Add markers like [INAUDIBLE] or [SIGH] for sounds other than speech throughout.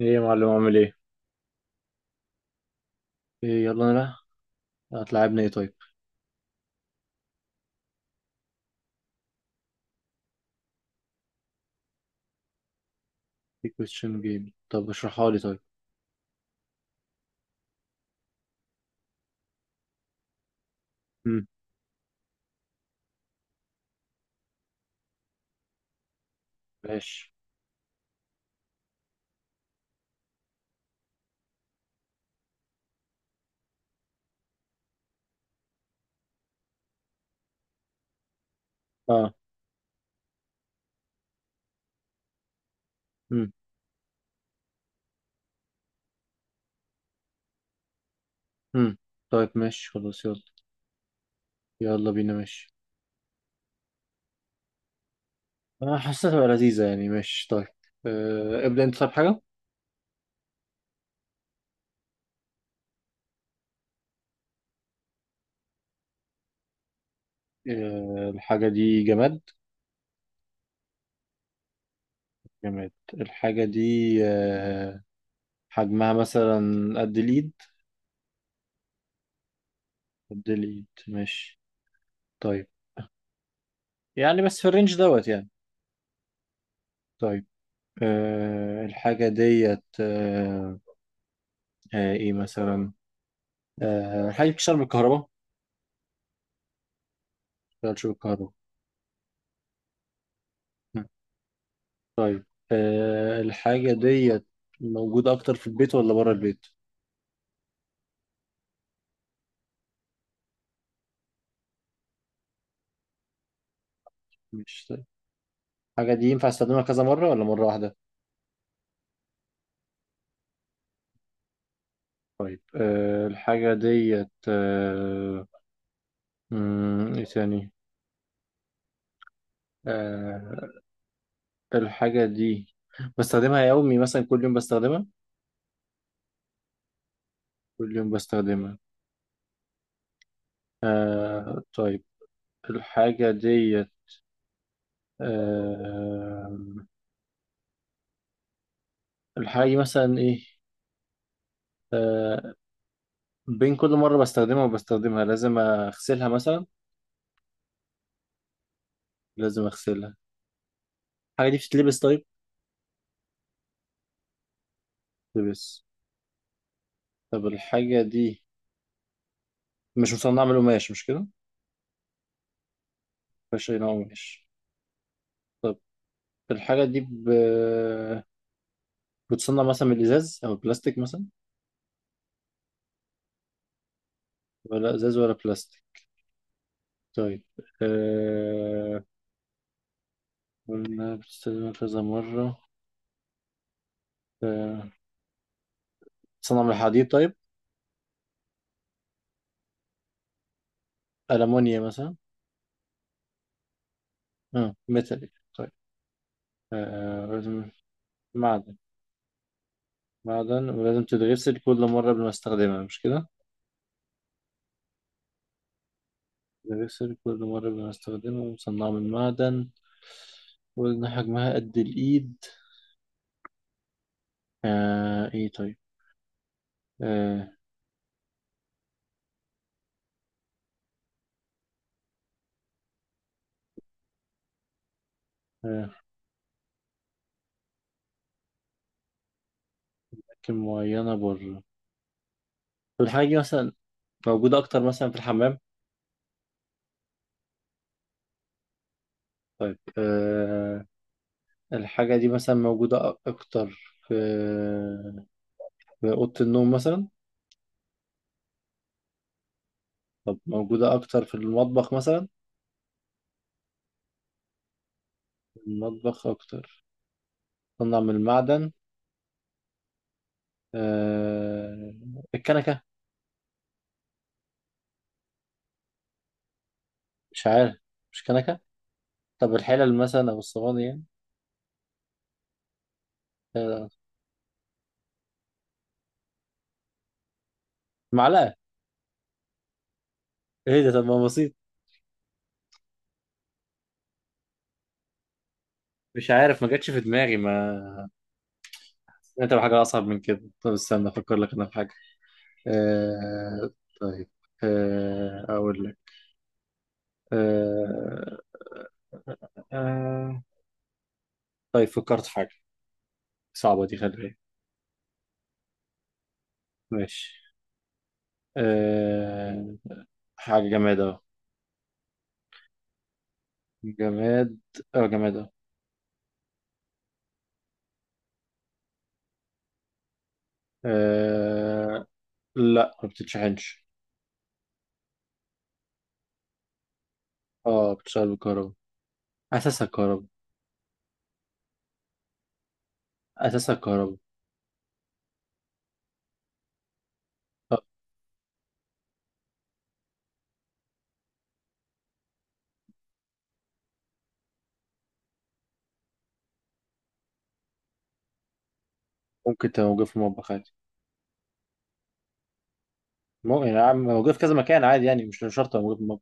ايه يا معلم، عامل ايه؟ ايه يلا انا بقى هتلعبنا ايه طيب؟ في كويستشن جيم، طب اشرحها لي طيب. امم ماشي. اه. امم امم طيب، ماشي، خلاص، يلا. يلا بينا، ماشي. انا حاسسها تبقى لذيذة يعني، ماشي طيب. ابدأ انت، طب حاجة. الحاجة دي جماد؟ جماد الحاجة دي. أه حجمها مثلا؟ قد الإيد؟ قد الإيد، ماشي. طيب، يعني بس في الرينج دوت يعني. طيب. الحاجة ديت ايه مثلا؟ الحاجة بتشتغل بالكهرباء؟ ما بتشتغلش بالكهرباء. مم. طيب. الحاجة ديت موجودة أكتر في البيت ولا بره البيت؟ مش. طيب. الحاجة دي ينفع استخدمها كذا مرة ولا مرة واحدة؟ الحاجة ديت إيه تاني؟ آه، الحاجة دي بستخدمها يومي، مثلا كل يوم بستخدمها؟ كل يوم بستخدمها. طيب الحاجة ديت آه، الحاجة دي مثلا إيه؟ آه، بين كل مرة بستخدمها وبستخدمها لازم أغسلها مثلا؟ لازم أغسلها. الحاجة دي بتتلبس؟ طيب. بتتلبس؟ طب الحاجة دي مش مصنعة من القماش، مش كده؟ مفيهاش أي نوع قماش؟ طب الحاجة دي بتصنع مثلا من الإزاز أو البلاستيك مثلا؟ ولا إزاز ولا بلاستيك؟ طيب. أه... قلنا بتستخدمها كذا مرة. أه... بتصنع من الحديد؟ طيب. ألمونيا مثلا؟ ميتاليك؟ طيب. أه... معدن. معدن ولازم تتغسل كل مرة قبل ما استخدمها، مش كده؟ تتغسل كل مرة قبل ما استخدمها ومصنعة من معدن. وقلنا حجمها قد الإيد. إيه طيب؟ آه آه أماكن معينة بره. طب الحاجة دي مثلا موجودة أكتر مثلا في الحمام؟ طيب. الحاجة دي مثلا موجودة أكتر في أوضة النوم مثلا؟ طب موجودة أكتر في المطبخ مثلا؟ المطبخ أكتر. تصنع من المعدن. آه الكنكة؟ مش عارف. مش كنكه. طب الحلل مثلا او الصواني يعني؟ آه، معلقه؟ ايه ده؟ طب ما بسيط! مش عارف، ما جاتش في دماغي. ما انت بحاجه اصعب من كده. طب استنى افكر لك انا في حاجه. آه... طيب. اقول لك. آه... آه... طيب، فكرت في حاجه. صعبه دي، خلي بالك. ماشي. آه... حاجه جماد اهو. جماد. اه جماد اهو. آه... لا، ما بتتشحنش. اه، بتشتغل بالكهرباء. اساسها كهرباء. اساسها كهرباء. ممكن تبقى موجود في المطبخ عادي. مو يعني موجود في كذا مكان عادي يعني، مش شرط تبقى موجود في المطبخ.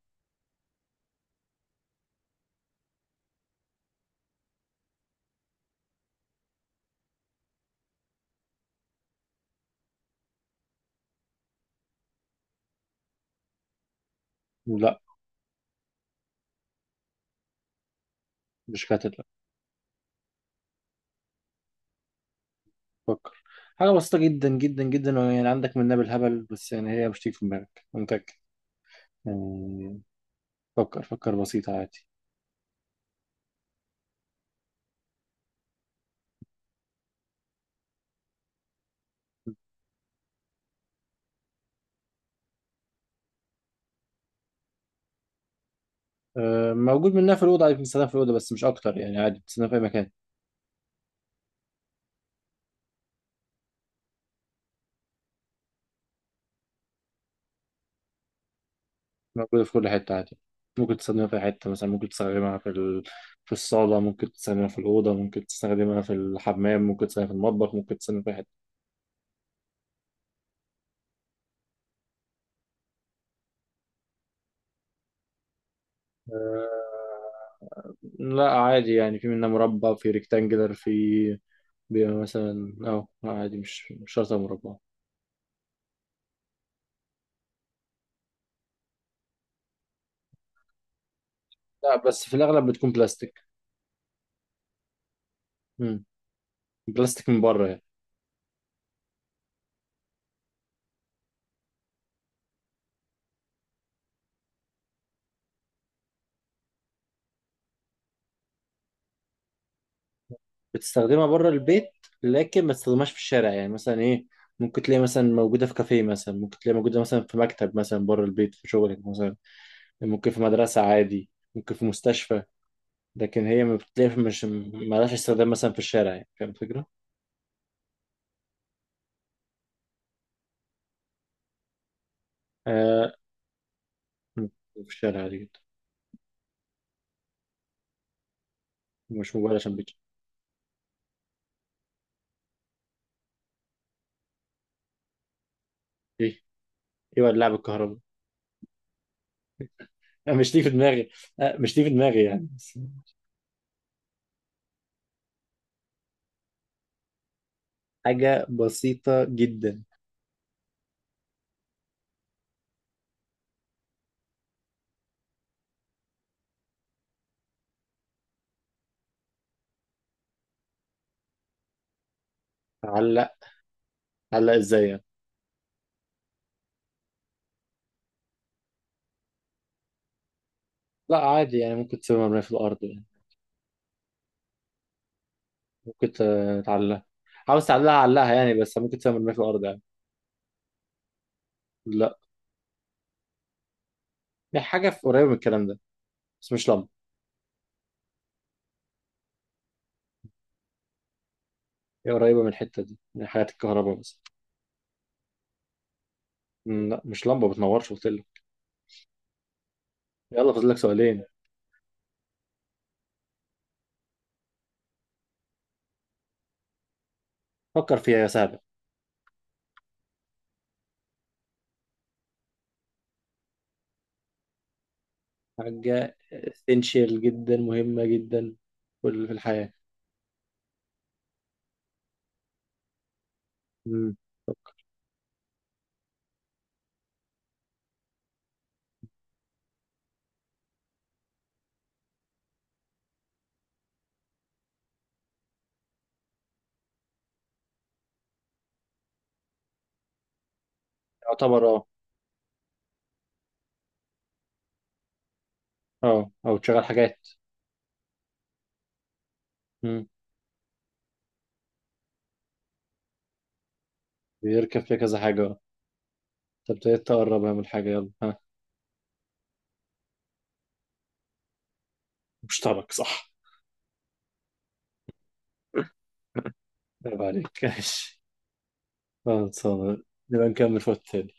لا، مش كاتب، لا. فكر. حاجة بسيطة جدا جدا جدا، يعني عندك منها بالهبل، بس يعني هي مش تيجي في دماغك، أنا متأكد. يعني. فكر فكر، بسيطة عادي. موجود منها في الأوضة عادي، بتستخدم في الأوضة بس مش أكتر يعني، عادي بتستخدم في أي مكان. موجودة في كل حتة، عادي. ممكن تستخدمها في أي حتة، مثلا ممكن تستخدمها في في الصالة، ممكن تستخدمها في الأوضة، ممكن تستخدمها في الحمام، ممكن تستخدمها في المطبخ، ممكن تستخدمها في أي حتة. أه، لا، عادي يعني، في منها مربع وفي ريكتانجلر. بيبقى مثلا، عادي، مش شرط مربع. لا، بس في الاغلب بتكون بلاستيك. امم. بلاستيك من بره يعني. بتستخدمها بره البيت، لكن ما تستخدمهاش في الشارع يعني، مثلا ايه، ممكن تلاقي مثلا موجوده في كافيه، مثلا ممكن تلاقي موجوده مثلا في مكتب، مثلا بره البيت في شغلك مثلا. ممكن في مدرسه عادي. ممكن في مستشفى. لكن هي ما بتلاقي مش مالهاش استخدام مثلا في الشارع، يعني فاهم الفكره؟ آه مم. في الشارع عادي جدا. مش موبايل عشان ايوه، اللعب الكهربي. [LAUGHS] أنا مش دي في دماغي. مش دي في دماغي يعني [LAUGHS] بس. حاجة بسيطة جدا. تعلق؟ تعلق ازاي يعني؟ لا، عادي يعني، ممكن تسيب مرمية في الأرض يعني. ممكن تعلقها. عاوز تعلقها علقها يعني، بس ممكن تسيب مرمية في الأرض يعني. لا، هي حاجة قريبة من الكلام ده، بس مش لمبة. هي قريبة من الحتة دي، من حاجات الكهرباء مثلا. لا، مش لمبة بتنورش، قلت لك. يلا، فاضل لك سؤالين. فكر فيها يا سهلة. حاجة essential جدا، مهمة جدا. في الحياة. مم. يعتبر، اه. اه، او تشغل حاجات. مم. بيركب فيها كذا حاجة، اه. انت ابتديت تقربها من الحاجة، يلا ها. مشترك، صح. [LAUGHS] عيب عليك. ماشي. خلصانة. نبقى نكمل في وقت تاني.